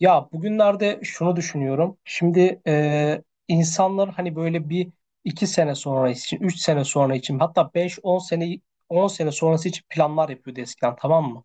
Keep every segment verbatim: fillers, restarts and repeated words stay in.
Ya bugünlerde şunu düşünüyorum. Şimdi e, insanlar hani böyle bir iki sene sonra için, üç sene sonra için hatta beş, on sene, on sene sonrası için planlar yapıyordu eskiden, tamam mı?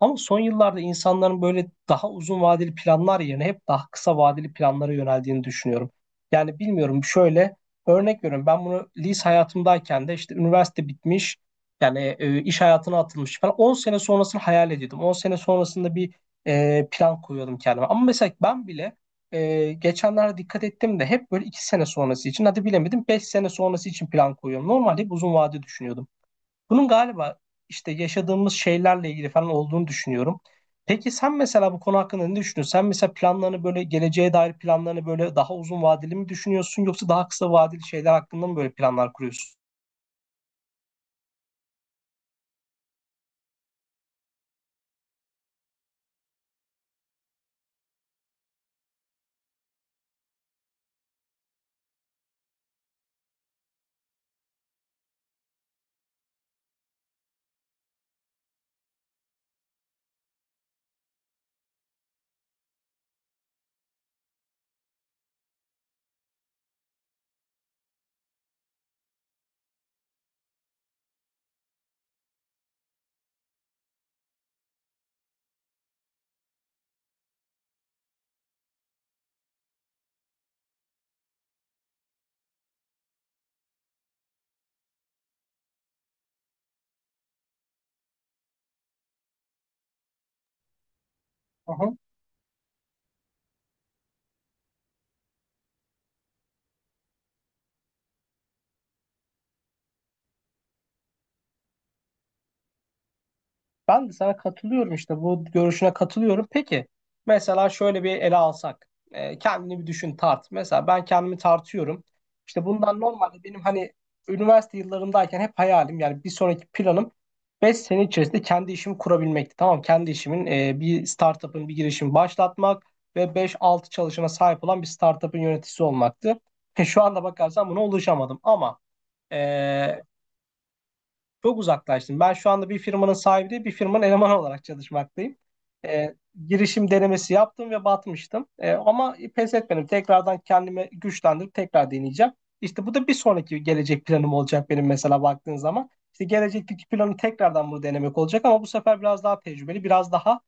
Ama son yıllarda insanların böyle daha uzun vadeli planlar yerine hep daha kısa vadeli planlara yöneldiğini düşünüyorum. Yani bilmiyorum, şöyle örnek veriyorum, ben bunu lise hayatımdayken de işte üniversite bitmiş yani e, iş hayatına atılmış falan on sene sonrasını hayal ediyordum. on sene sonrasında bir e, plan koyuyordum kendime. Ama mesela ben bile e, geçenlerde dikkat ettim de hep böyle iki sene sonrası için, hadi bilemedim beş sene sonrası için plan koyuyorum. Normalde hep uzun vade düşünüyordum. Bunun galiba işte yaşadığımız şeylerle ilgili falan olduğunu düşünüyorum. Peki sen mesela bu konu hakkında ne düşünüyorsun? Sen mesela planlarını, böyle geleceğe dair planlarını böyle daha uzun vadeli mi düşünüyorsun, yoksa daha kısa vadeli şeyler hakkında mı böyle planlar kuruyorsun? Ben de sana katılıyorum, işte bu görüşüne katılıyorum. Peki mesela şöyle bir ele alsak. Ee, kendini bir düşün, tart. Mesela ben kendimi tartıyorum. İşte bundan normalde benim hani üniversite yıllarımdayken hep hayalim, yani bir sonraki planım beş sene içerisinde kendi işimi kurabilmekti. Tamam, kendi işimin e, bir startup'ın, bir girişimi başlatmak ve beş altı çalışana sahip olan bir startup'ın yöneticisi olmaktı. Şu anda bakarsan buna ulaşamadım ama e, çok uzaklaştım. Ben şu anda bir firmanın sahibi değil, bir firmanın elemanı olarak çalışmaktayım. Ee, girişim denemesi yaptım ve batmıştım. Ee, ama pes etmedim. Tekrardan kendimi güçlendirip tekrar deneyeceğim. İşte bu da bir sonraki gelecek planım olacak benim, mesela baktığın zaman. İşte gelecekteki planım tekrardan bunu denemek olacak, ama bu sefer biraz daha tecrübeli, biraz daha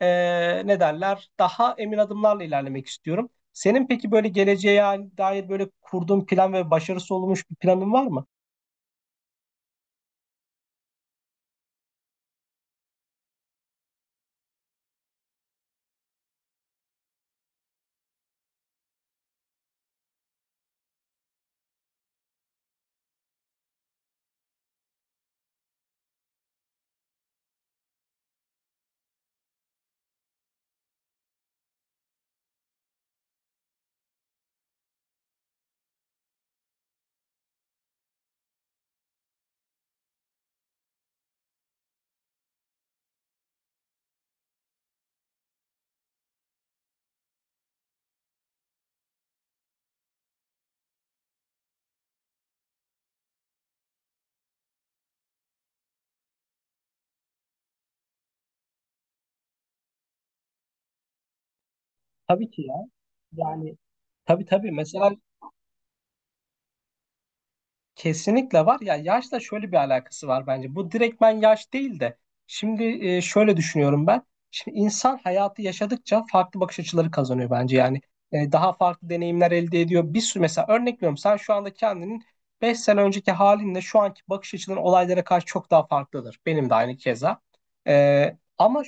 ee, ne derler, daha emin adımlarla ilerlemek istiyorum. Senin peki böyle geleceğe dair böyle kurduğun plan ve başarısı olmuş bir planın var mı? Tabii ki ya. Yani tabii tabii mesela kesinlikle var ya, yaşla şöyle bir alakası var bence. Bu direktmen yaş değil de, şimdi e, şöyle düşünüyorum ben. Şimdi insan hayatı yaşadıkça farklı bakış açıları kazanıyor bence, yani. E, daha farklı deneyimler elde ediyor. Bir sürü, mesela örnek veriyorum, sen şu anda kendinin beş sene önceki halinle şu anki bakış açıların olaylara karşı çok daha farklıdır. Benim de aynı keza. E, ama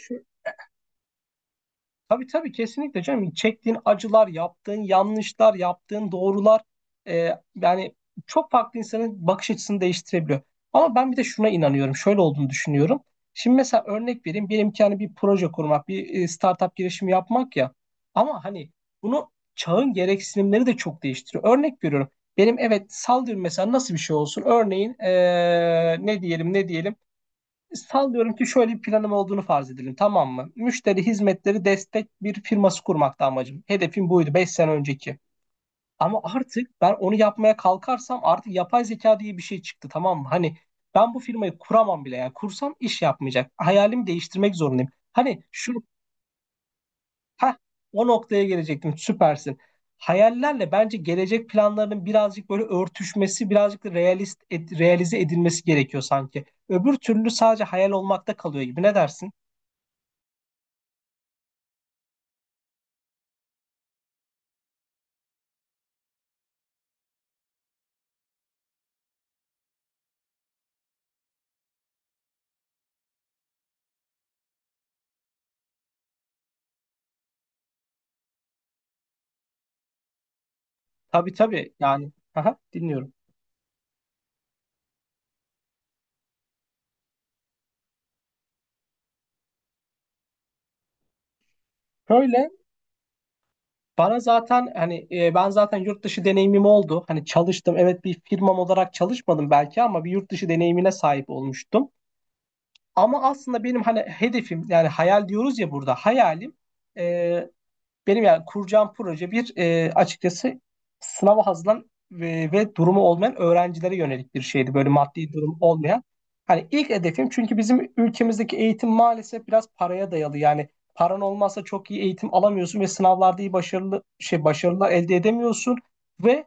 Tabii tabii, kesinlikle canım. Çektiğin acılar, yaptığın yanlışlar, yaptığın doğrular, e, yani çok farklı, insanın bakış açısını değiştirebiliyor. Ama ben bir de şuna inanıyorum. Şöyle olduğunu düşünüyorum. Şimdi mesela örnek vereyim. Benimki imkanı bir proje kurmak, bir e, startup girişimi yapmak ya. Ama hani bunu çağın gereksinimleri de çok değiştiriyor. Örnek veriyorum. Benim, evet, sallıyorum mesela, nasıl bir şey olsun? Örneğin e, ne diyelim, ne diyelim? Sallıyorum ki şöyle bir planım olduğunu farz edelim, tamam mı? Müşteri hizmetleri destek bir firması kurmakta amacım. Hedefim buydu beş sene önceki. Ama artık ben onu yapmaya kalkarsam artık yapay zeka diye bir şey çıktı, tamam mı? Hani ben bu firmayı kuramam bile, yani kursam iş yapmayacak. Hayalimi değiştirmek zorundayım. Hani şu heh, o noktaya gelecektim, süpersin. Hayallerle bence gelecek planlarının birazcık böyle örtüşmesi, birazcık da realist, ed- realize edilmesi gerekiyor sanki. Öbür türlü sadece hayal olmakta kalıyor gibi. Ne dersin? Tabii tabii, yani, aha, dinliyorum. Şöyle, bana zaten hani e, ben zaten yurt dışı deneyimim oldu. Hani çalıştım, evet, bir firmam olarak çalışmadım belki ama bir yurt dışı deneyimine sahip olmuştum. Ama aslında benim hani hedefim, yani hayal diyoruz ya, burada hayalim e, Benim yani kuracağım proje bir, e, açıkçası, sınava hazırlanan ve, ve durumu olmayan öğrencilere yönelik bir şeydi. Böyle maddi durum olmayan. Hani ilk hedefim, çünkü bizim ülkemizdeki eğitim maalesef biraz paraya dayalı. Yani paran olmazsa çok iyi eğitim alamıyorsun ve sınavlarda iyi başarılı şey başarılar elde edemiyorsun ve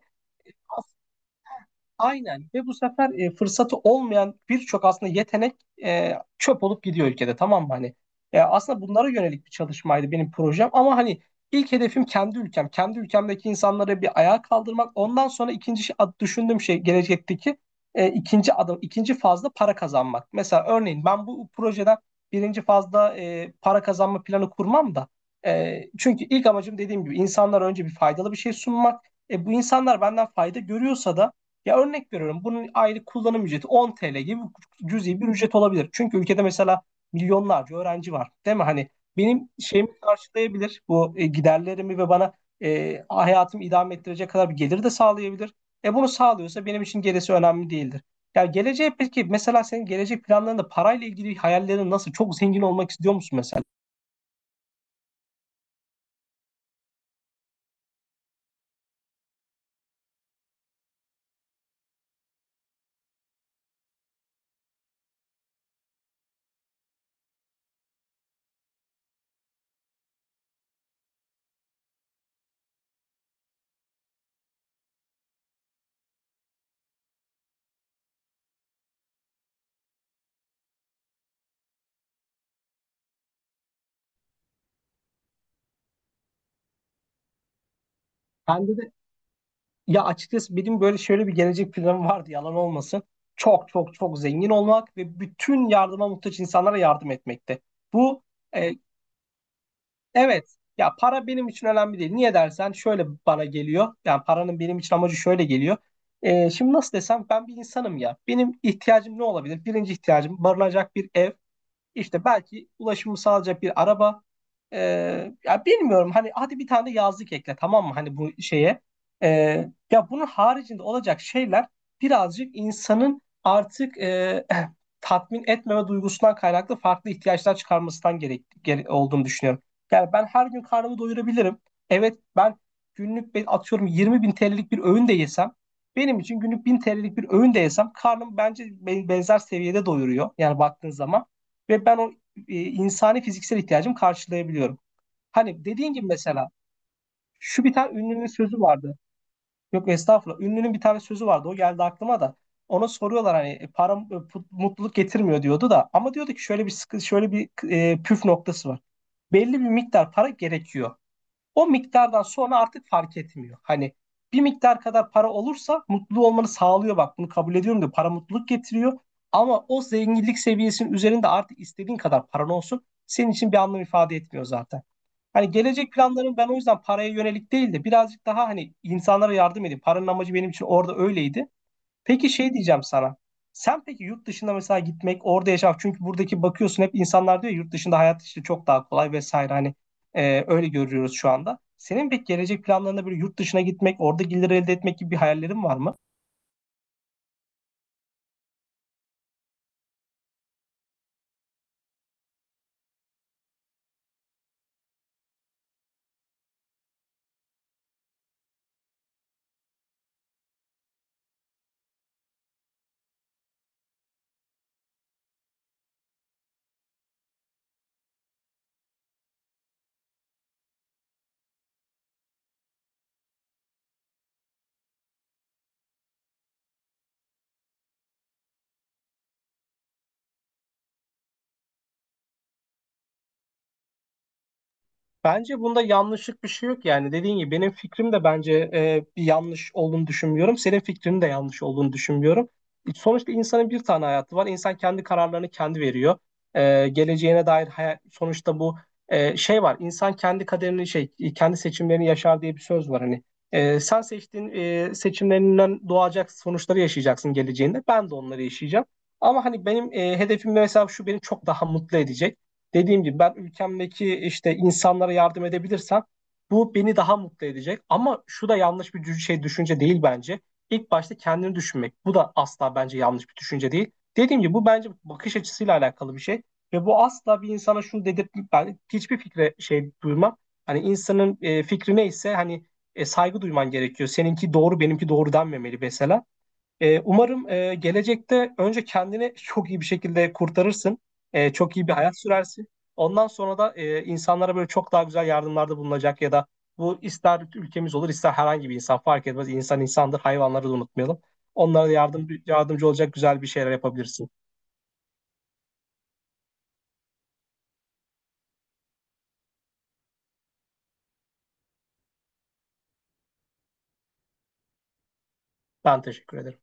aynen, ve bu sefer e, fırsatı olmayan birçok aslında yetenek e, çöp olup gidiyor ülkede, tamam mı hani? E, aslında bunlara yönelik bir çalışmaydı benim projem, ama hani ilk hedefim kendi ülkem. Kendi ülkemdeki insanları bir ayağa kaldırmak. Ondan sonra ikinci şey- ad- düşündüğüm şey gelecekteki e, ikinci adım, ikinci fazla para kazanmak. Mesela örneğin ben bu projeden birinci fazla e, para kazanma planı kurmam da, e, çünkü ilk amacım, dediğim gibi, insanlara önce bir faydalı bir şey sunmak. E, bu insanlar benden fayda görüyorsa da, ya örnek veriyorum, bunun aylık kullanım ücreti on T L gibi cüzi bir ücret olabilir. Çünkü ülkede mesela milyonlarca öğrenci var değil mi? Hani benim şeyimi karşılayabilir bu, e, giderlerimi ve bana e, hayatımı idame ettirecek kadar bir gelir de sağlayabilir. E bunu sağlıyorsa benim için gerisi önemli değildir. Ya geleceğe, peki mesela senin gelecek planlarında parayla ilgili hayallerin nasıl? Çok zengin olmak istiyor musun mesela? Kendi Ya açıkçası benim böyle şöyle bir gelecek planım vardı, yalan olmasın. Çok çok çok zengin olmak ve bütün yardıma muhtaç insanlara yardım etmekte. Bu e, evet ya para benim için önemli değil. Niye dersen, şöyle bana geliyor. Yani paranın benim için amacı şöyle geliyor. E, şimdi nasıl desem, ben bir insanım ya. Benim ihtiyacım ne olabilir? Birinci ihtiyacım barınacak bir ev, işte belki ulaşımı sağlayacak bir araba. Ee, ya bilmiyorum, hani hadi bir tane yazlık ekle, tamam mı, hani bu şeye. Ee, ya bunun haricinde olacak şeyler birazcık insanın artık, e, tatmin etmeme duygusundan kaynaklı farklı ihtiyaçlar çıkarmasından gerek, gere- olduğunu düşünüyorum. Yani ben her gün karnımı doyurabilirim. Evet, ben günlük bir- atıyorum yirmi bin T L'lik bir öğün de yesem, benim için günlük bin T L'lik bir öğün de yesem karnım bence be- benzer seviyede doyuruyor. Yani baktığın zaman ve ben o e, insani fiziksel ihtiyacımı karşılayabiliyorum. Hani dediğin gibi mesela şu bir tane ünlünün sözü vardı. Yok estağfurullah. Ünlünün bir tane sözü vardı. O geldi aklıma da. Ona soruyorlar hani, e, para e, put- mutluluk getirmiyor diyordu da, ama diyordu ki şöyle bir sıkı- şöyle bir e, püf noktası var. Belli bir miktar para gerekiyor. O miktardan sonra artık fark etmiyor. Hani bir miktar kadar para olursa mutlu olmanı sağlıyor, bak bunu kabul ediyorum diyor. Para mutluluk getiriyor. Ama o zenginlik seviyesinin üzerinde artık istediğin kadar paran olsun senin için bir anlam ifade etmiyor zaten. Hani gelecek planlarım ben o yüzden paraya yönelik değil de, birazcık daha hani insanlara yardım edeyim. Paranın amacı benim için orada öyleydi. Peki şey diyeceğim sana. Sen peki yurt dışında mesela gitmek, orada yaşamak. Çünkü buradaki bakıyorsun hep insanlar diyor ya, yurt dışında hayat işte çok daha kolay vesaire. Hani e, öyle görüyoruz şu anda. Senin pek gelecek planlarında böyle yurt dışına gitmek, orada gelir elde etmek gibi bir hayallerin var mı? Bence bunda yanlışlık bir şey yok, yani dediğin gibi benim fikrim de, bence e, bir yanlış olduğunu düşünmüyorum. Senin fikrinin de yanlış olduğunu düşünmüyorum. Sonuçta insanın bir tane hayatı var. İnsan kendi kararlarını kendi veriyor. E, geleceğine dair hayal, sonuçta bu, e, şey var. İnsan kendi kaderini şey kendi seçimlerini yaşar diye bir söz var hani. E, sen seçtiğin, e, seçimlerinden doğacak sonuçları yaşayacaksın geleceğinde. Ben de onları yaşayacağım. Ama hani benim e, hedefim mesela şu, beni çok daha mutlu edecek. Dediğim gibi, ben ülkemdeki işte insanlara yardım edebilirsem bu beni daha mutlu edecek. Ama şu da yanlış bir dü- şey düşünce değil bence. İlk başta kendini düşünmek. Bu da asla bence yanlış bir düşünce değil. Dediğim gibi bu bence bakış açısıyla alakalı bir şey. Ve bu asla bir insana şunu dedirtmek, ben hiçbir fikre şey duymam. Hani insanın e, fikri neyse hani, e, saygı duyman gerekiyor. Seninki doğru, benimki doğru denmemeli mesela. Ee, umarım, e, gelecekte önce kendini çok iyi bir şekilde kurtarırsın. E, çok iyi bir hayat sürersin. Ondan sonra da e, insanlara böyle çok daha güzel yardımlarda bulunacak ya da bu, ister ülkemiz olur ister herhangi bir insan fark etmez. İnsan insandır, hayvanları da unutmayalım. Onlara da yardım, yardımcı olacak güzel bir şeyler yapabilirsin. Ben teşekkür ederim.